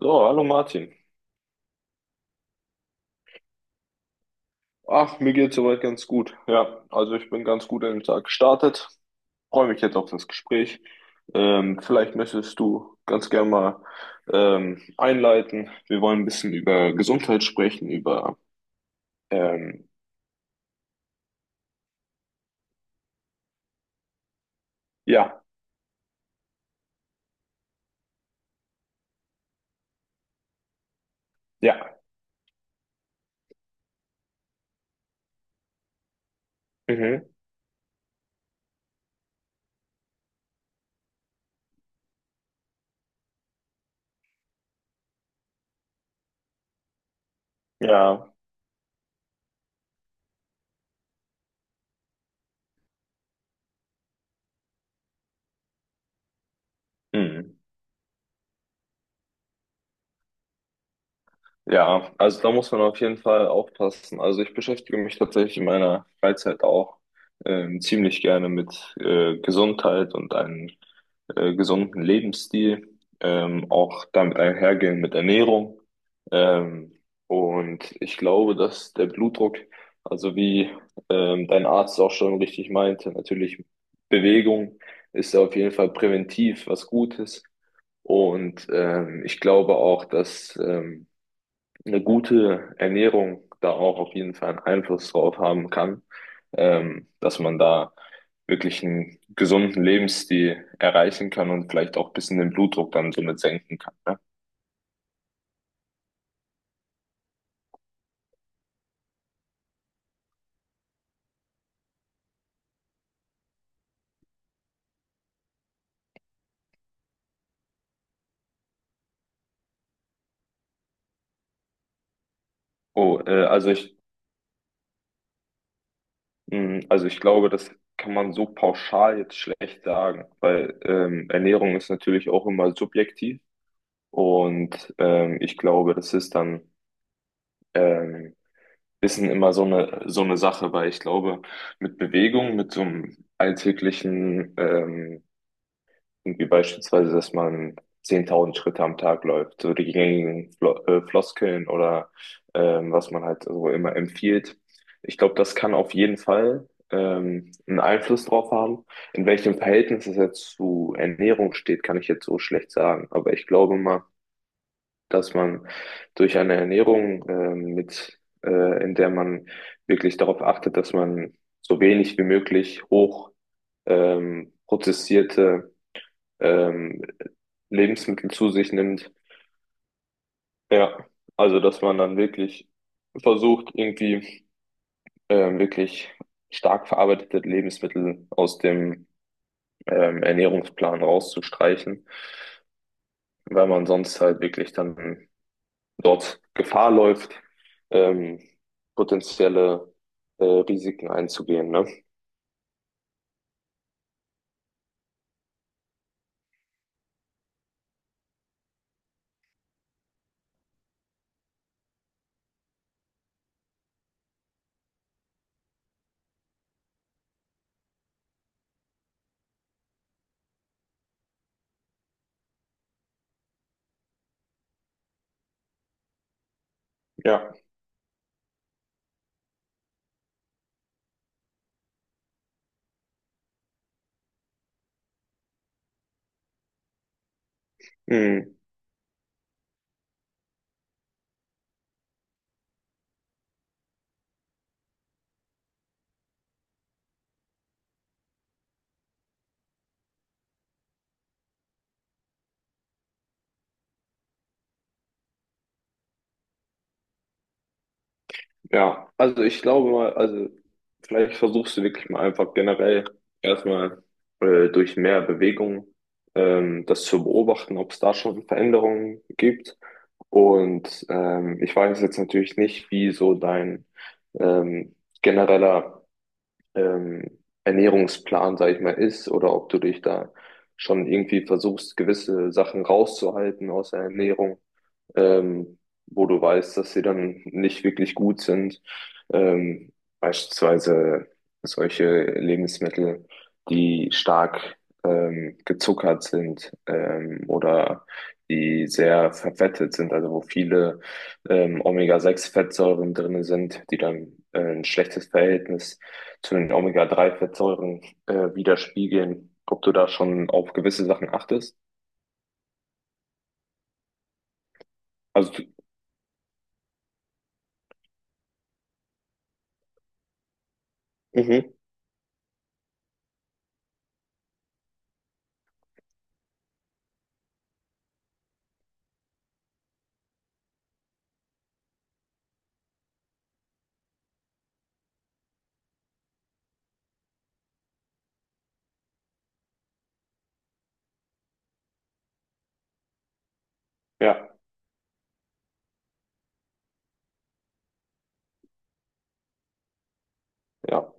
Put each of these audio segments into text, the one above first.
So, hallo Martin. Ach, mir geht's soweit ganz gut. Ja, also ich bin ganz gut in den Tag gestartet. Freue mich jetzt auf das Gespräch. Vielleicht möchtest du ganz gerne mal einleiten. Wir wollen ein bisschen über Gesundheit sprechen, über ähm, ja, ja. Mhm. Ja. Mhm. Ja, also da muss man auf jeden Fall aufpassen. Also ich beschäftige mich tatsächlich in meiner Freizeit auch ziemlich gerne mit Gesundheit und einem gesunden Lebensstil, auch damit einhergehen mit Ernährung. Ähm, und ich glaube, dass der Blutdruck, also wie dein Arzt auch schon richtig meinte, natürlich Bewegung ist auf jeden Fall präventiv was Gutes. Und ich glaube auch, dass eine gute Ernährung da auch auf jeden Fall einen Einfluss drauf haben kann, dass man da wirklich einen gesunden Lebensstil erreichen kann und vielleicht auch ein bisschen den Blutdruck dann somit senken kann. Ne? Oh, äh, also ich, also ich glaube, das kann man so pauschal jetzt schlecht sagen, weil Ernährung ist natürlich auch immer subjektiv und ich glaube, das ist dann ähm, Wissen immer so eine Sache, weil ich glaube, mit Bewegung, mit so einem alltäglichen, irgendwie beispielsweise, dass man 10.000 Schritte am Tag läuft, so die gängigen Floskeln oder was man halt so immer empfiehlt. Ich glaube, das kann auf jeden Fall einen Einfluss drauf haben. In welchem Verhältnis es jetzt zu Ernährung steht, kann ich jetzt so schlecht sagen. Aber ich glaube mal, dass man durch eine Ernährung in der man wirklich darauf achtet, dass man so wenig wie möglich hoch prozessierte ähm, Lebensmittel zu sich nimmt. Ja, also dass man dann wirklich versucht, irgendwie wirklich stark verarbeitete Lebensmittel aus dem Ernährungsplan rauszustreichen, weil man sonst halt wirklich dann dort Gefahr läuft, ähm, potenzielle Risiken einzugehen, ne? Ja. Hm, ja, also ich glaube mal, also vielleicht versuchst du wirklich mal einfach generell erstmal durch mehr Bewegung das zu beobachten, ob es da schon Veränderungen gibt. Und ich weiß jetzt natürlich nicht, wie so dein ähm, genereller ähm, Ernährungsplan, sag ich mal, ist oder ob du dich da schon irgendwie versuchst, gewisse Sachen rauszuhalten aus der Ernährung, ähm, wo du weißt, dass sie dann nicht wirklich gut sind. Ähm, Beispielsweise solche Lebensmittel, die stark gezuckert sind, oder die sehr verfettet sind, also wo viele omega sechs fettsäuren drinne sind, die dann ein schlechtes Verhältnis zu den omega drei fettsäuren widerspiegeln. Ob du da schon auf gewisse Sachen achtest? Also, mhm, ja, ja,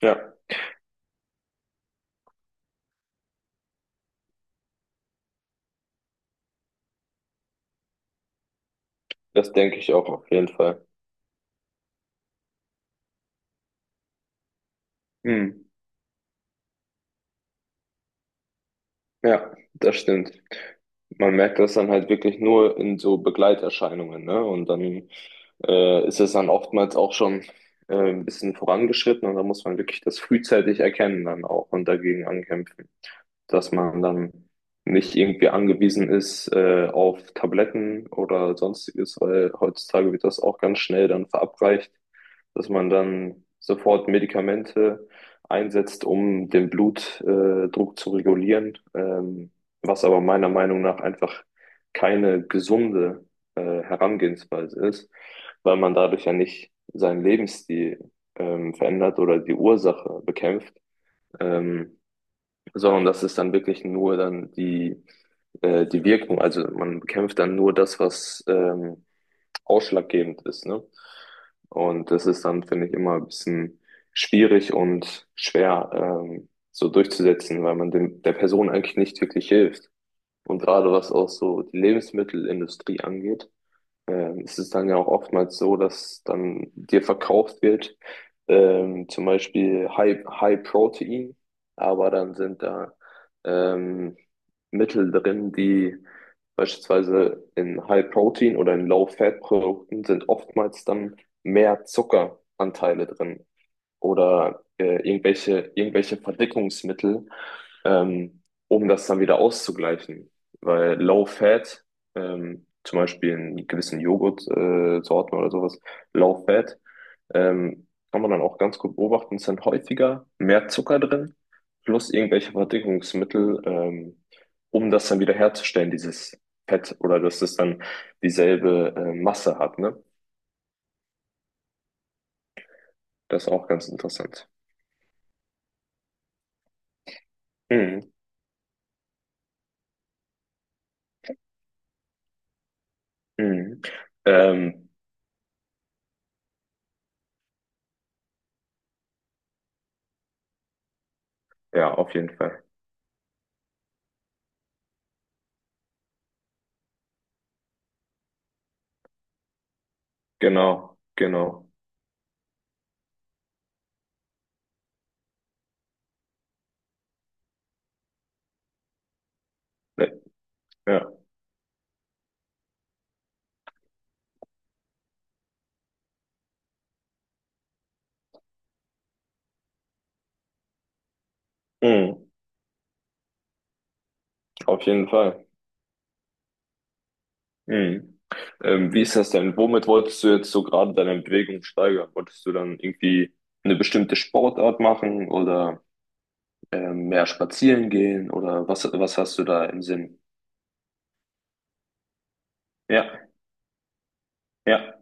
ja. Das denke ich auch auf jeden Fall. Hm. Ja, das stimmt. Man merkt das dann halt wirklich nur in so Begleiterscheinungen, ne? Und dann ist es dann oftmals auch schon ein bisschen vorangeschritten und da muss man wirklich das frühzeitig erkennen dann auch und dagegen ankämpfen, dass man dann nicht irgendwie angewiesen ist auf Tabletten oder sonstiges, weil heutzutage wird das auch ganz schnell dann verabreicht, dass man dann sofort Medikamente einsetzt, um den Blutdruck Druck zu regulieren, was aber meiner Meinung nach einfach keine gesunde Herangehensweise ist, weil man dadurch ja nicht seinen Lebensstil verändert oder die Ursache bekämpft, ähm, sondern das ist dann wirklich nur dann die Wirkung. Also man bekämpft dann nur das, was ausschlaggebend ist, ne? Und das ist dann, finde ich, immer ein bisschen schwierig und schwer, so durchzusetzen, weil man dem, der Person eigentlich nicht wirklich hilft. Und gerade was auch so die Lebensmittelindustrie angeht, es ist dann ja auch oftmals so, dass dann dir verkauft wird, zum Beispiel High Protein, aber dann sind da ähm, Mittel drin, die beispielsweise in High Protein oder in Low Fat Produkten sind, oftmals dann mehr Zuckeranteile drin oder irgendwelche Verdickungsmittel, ähm, um das dann wieder auszugleichen. Weil Low Fat, zum Beispiel in gewissen Joghurtsorten Sorten oder sowas, Low Fat, kann man dann auch ganz gut beobachten, ist dann häufiger mehr Zucker drin, plus irgendwelche Verdickungsmittel, um das dann wieder herzustellen, dieses Fett, oder dass es dann dieselbe Masse hat, ne? Das ist auch ganz interessant. Mhm. Mhm. Ähm, ja, auf jeden Fall. Genau, genau. Ne, ja, mhm, auf jeden Fall. Mhm. Wie ist das denn? Womit wolltest du jetzt so gerade deine Bewegung steigern? Wolltest du dann irgendwie eine bestimmte Sportart machen oder mehr spazieren gehen oder was, was hast du da im Sinn? Ja, ja,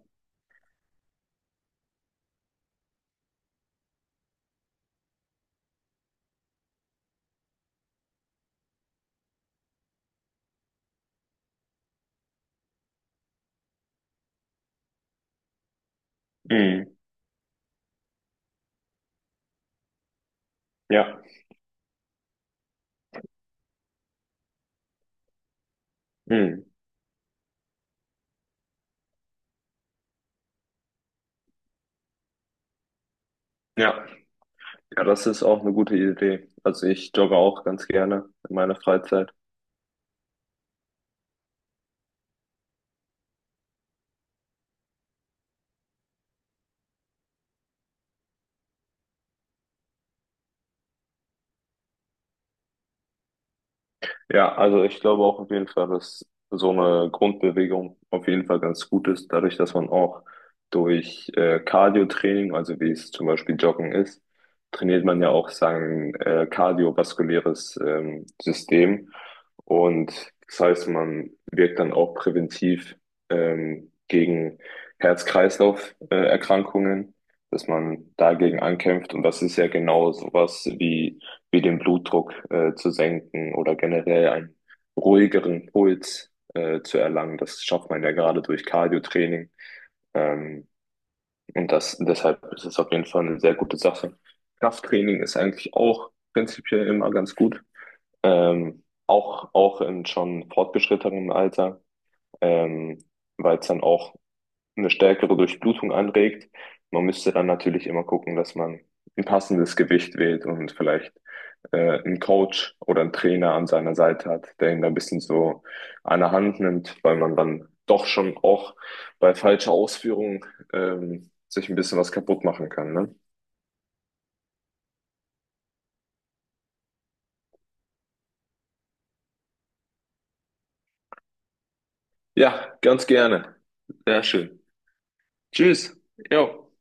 mhm, ja, mhm, ja. Ja, das ist auch eine gute Idee. Also ich jogge auch ganz gerne in meiner Freizeit. Ja, also ich glaube auch auf jeden Fall, dass so eine Grundbewegung auf jeden Fall ganz gut ist, dadurch, dass man auch durch Cardio-Training, also wie es zum Beispiel Joggen ist, trainiert man ja auch sein kardiovaskuläres System. Und das heißt, man wirkt dann auch präventiv gegen Herz-Kreislauf-Erkrankungen, dass man dagegen ankämpft. Und das ist ja genau sowas wie wie den Blutdruck zu senken oder generell einen ruhigeren Puls zu erlangen. Das schafft man ja gerade durch Cardio-Training. Ähm, Deshalb ist es auf jeden Fall eine sehr gute Sache. Krafttraining ist eigentlich auch prinzipiell immer ganz gut. Auch, auch in schon fortgeschrittenem Alter, ähm, weil es dann auch eine stärkere Durchblutung anregt. Man müsste dann natürlich immer gucken, dass man ein passendes Gewicht wählt und vielleicht einen Coach oder einen Trainer an seiner Seite hat, der ihn da ein bisschen so an der Hand nimmt, weil man dann doch schon auch bei falscher Ausführung sich ein bisschen was kaputt machen kann. Ne? Ja, ganz gerne. Sehr schön. Tschüss. Jo.